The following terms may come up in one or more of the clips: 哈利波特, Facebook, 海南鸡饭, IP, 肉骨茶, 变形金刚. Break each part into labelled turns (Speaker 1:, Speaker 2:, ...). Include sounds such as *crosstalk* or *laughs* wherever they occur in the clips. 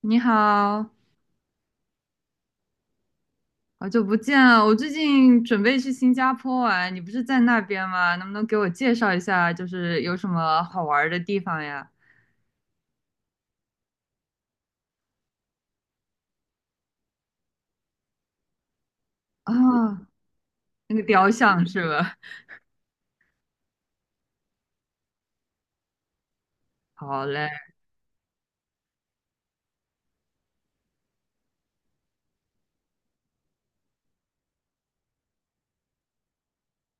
Speaker 1: 你好，好久不见啊！我最近准备去新加坡玩，你不是在那边吗？能不能给我介绍一下，就是有什么好玩儿的地方呀？啊，那个雕像是吧？好嘞。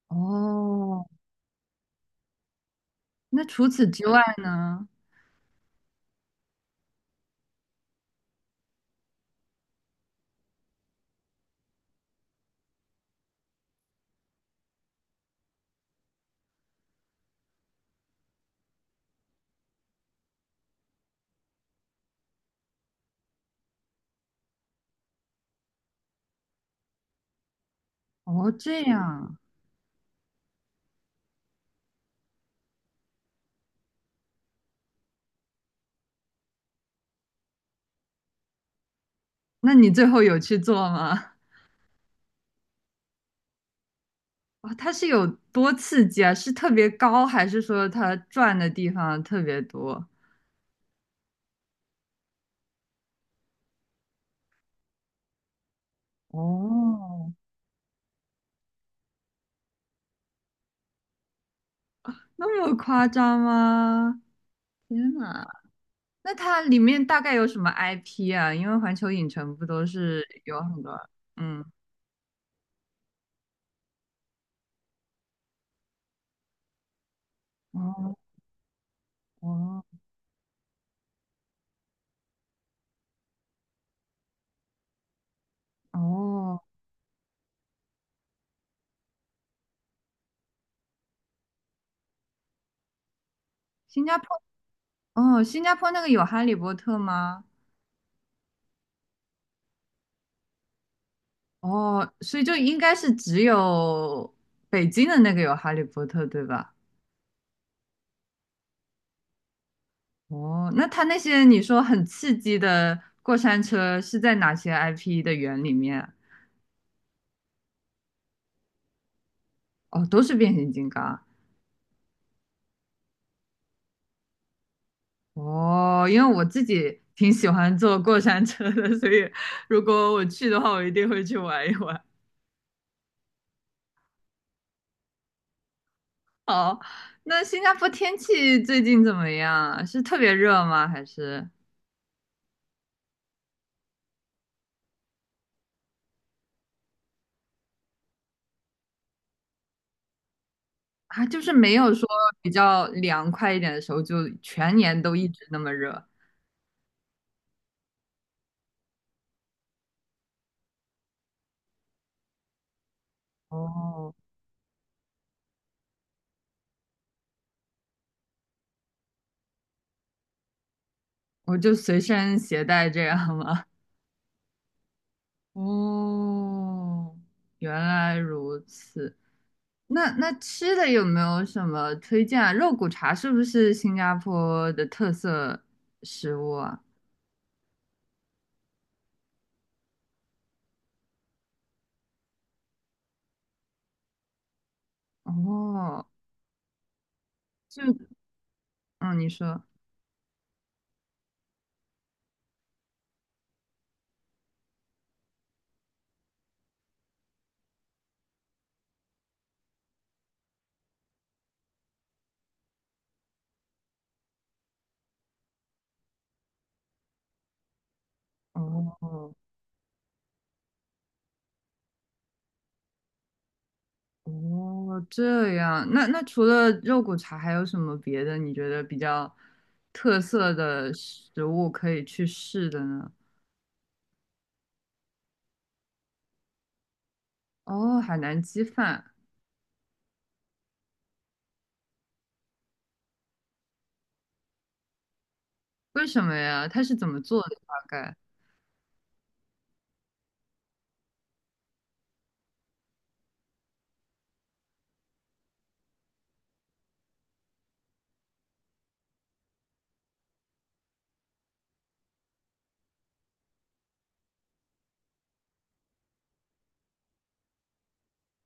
Speaker 1: 哦，那除此之外呢？哦，这样，那你最后有去做吗？哇，它是有多刺激啊？是特别高，还是说它转的地方特别多？哦，那么夸张吗？天呐！那它里面大概有什么 IP 啊？因为环球影城不都是有很多，嗯，哦哦哦，新加坡哦，新加坡那个有哈利波特吗？哦，所以就应该是只有北京的那个有哈利波特，对吧？哦，那它那些你说很刺激的过山车是在哪些 IP 的园里面啊。哦，都是变形金刚。哦，因为我自己挺喜欢坐过山车的，所以如果我去的话，我一定会去玩一玩。好，那新加坡天气最近怎么样啊？是特别热吗？还是啊，就是没有说比较凉快一点的时候，就全年都一直那么热？哦，我就随身携带这样吗？*laughs* 哦，原来如此。那那吃的有没有什么推荐啊？肉骨茶是不是新加坡的特色食物啊？哦，就嗯，你说，哦哦，这样，那那除了肉骨茶，还有什么别的你觉得比较特色的食物可以去试的呢？哦，海南鸡饭，为什么呀？它是怎么做的？大概？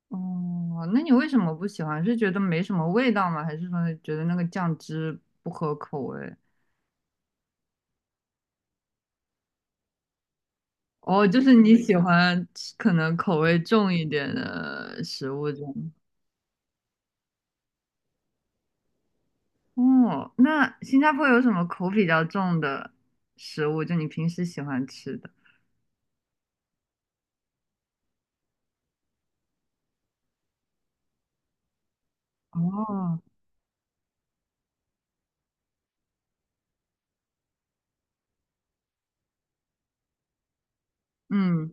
Speaker 1: 哦，那你为什么不喜欢？是觉得没什么味道吗？还是说觉得那个酱汁不合口味？哦，就是你喜欢吃可能口味重一点的食物这样。哦，那新加坡有什么口比较重的食物？就你平时喜欢吃的？哦，嗯，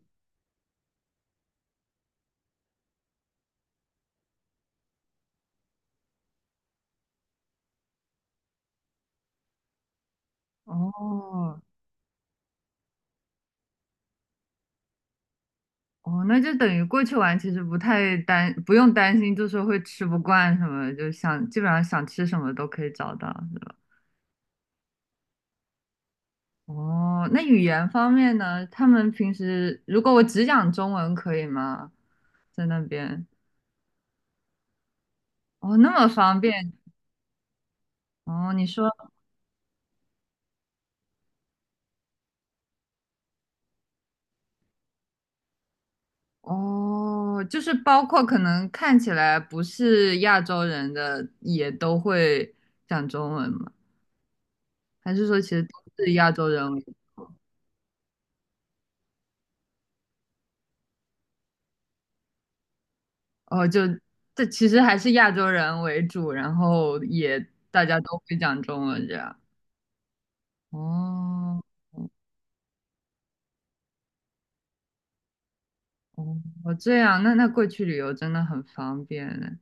Speaker 1: 哦，哦，那就等于过去玩其实不太担，不用担心，就是会吃不惯什么，就想基本上想吃什么都可以找到，是吧？哦，那语言方面呢？他们平时如果我只讲中文可以吗？在那边哦，那么方便哦。你说哦，就是包括可能看起来不是亚洲人的也都会讲中文吗？还是说其实都是亚洲人为主？哦，就这其实还是亚洲人为主，然后也大家都会讲中文这样。哦，哦哦，哦这样，那那过去旅游真的很方便呢。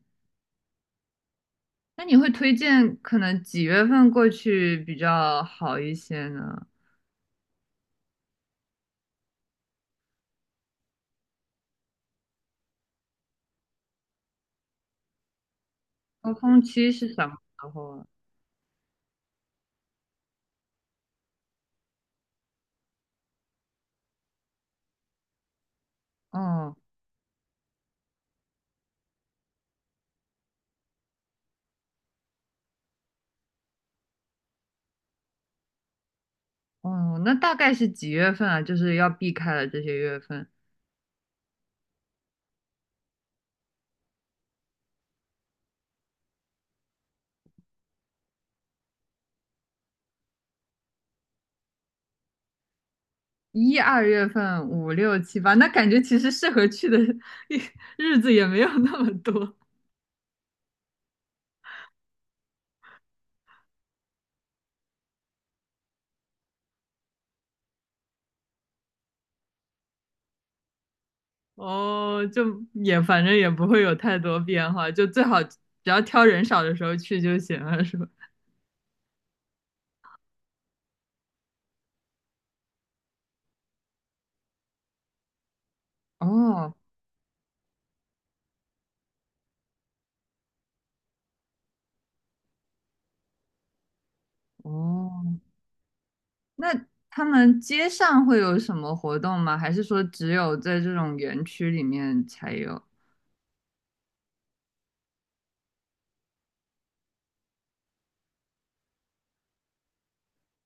Speaker 1: 那你会推荐可能几月份过去比较好一些呢？高峰期是什么时候啊？哦哦，那大概是几月份啊？就是要避开了这些月份，一二月份、五六七八，那感觉其实适合去的 *laughs* 日子也没有那么多哦，就也反正也不会有太多变化，就最好只要挑人少的时候去就行了，是吧？哦哦，那他们街上会有什么活动吗？还是说只有在这种园区里面才有？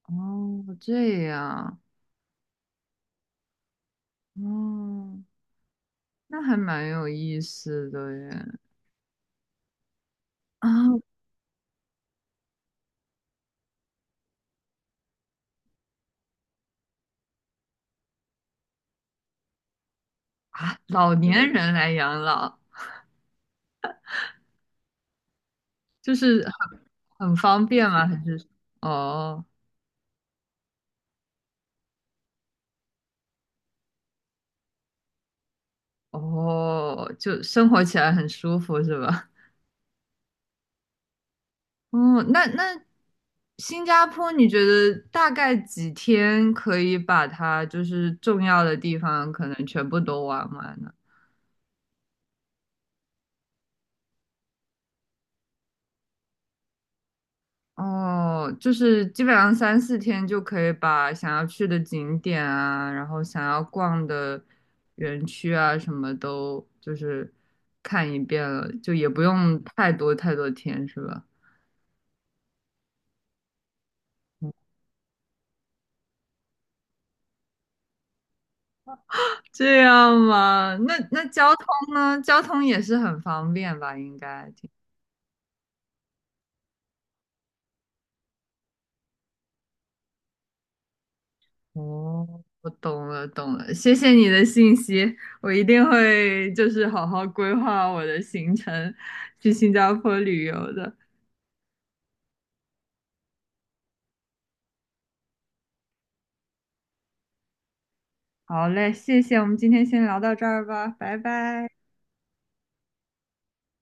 Speaker 1: 哦，这样，哦，那还蛮有意思的耶。啊啊，老年人来养老，就是很方便吗？还是哦哦，就生活起来很舒服是吧？哦，那那新加坡，你觉得大概几天可以把它就是重要的地方可能全部都玩完呢？哦，就是基本上三四天就可以把想要去的景点啊，然后想要逛的园区啊，什么都就是看一遍了，就也不用太多太多天，是吧？这样吗？那那交通呢？交通也是很方便吧？应该。哦，我懂了，懂了，谢谢你的信息，我一定会就是好好规划我的行程，去新加坡旅游的。好嘞，谢谢，我们今天先聊到这儿吧，拜拜。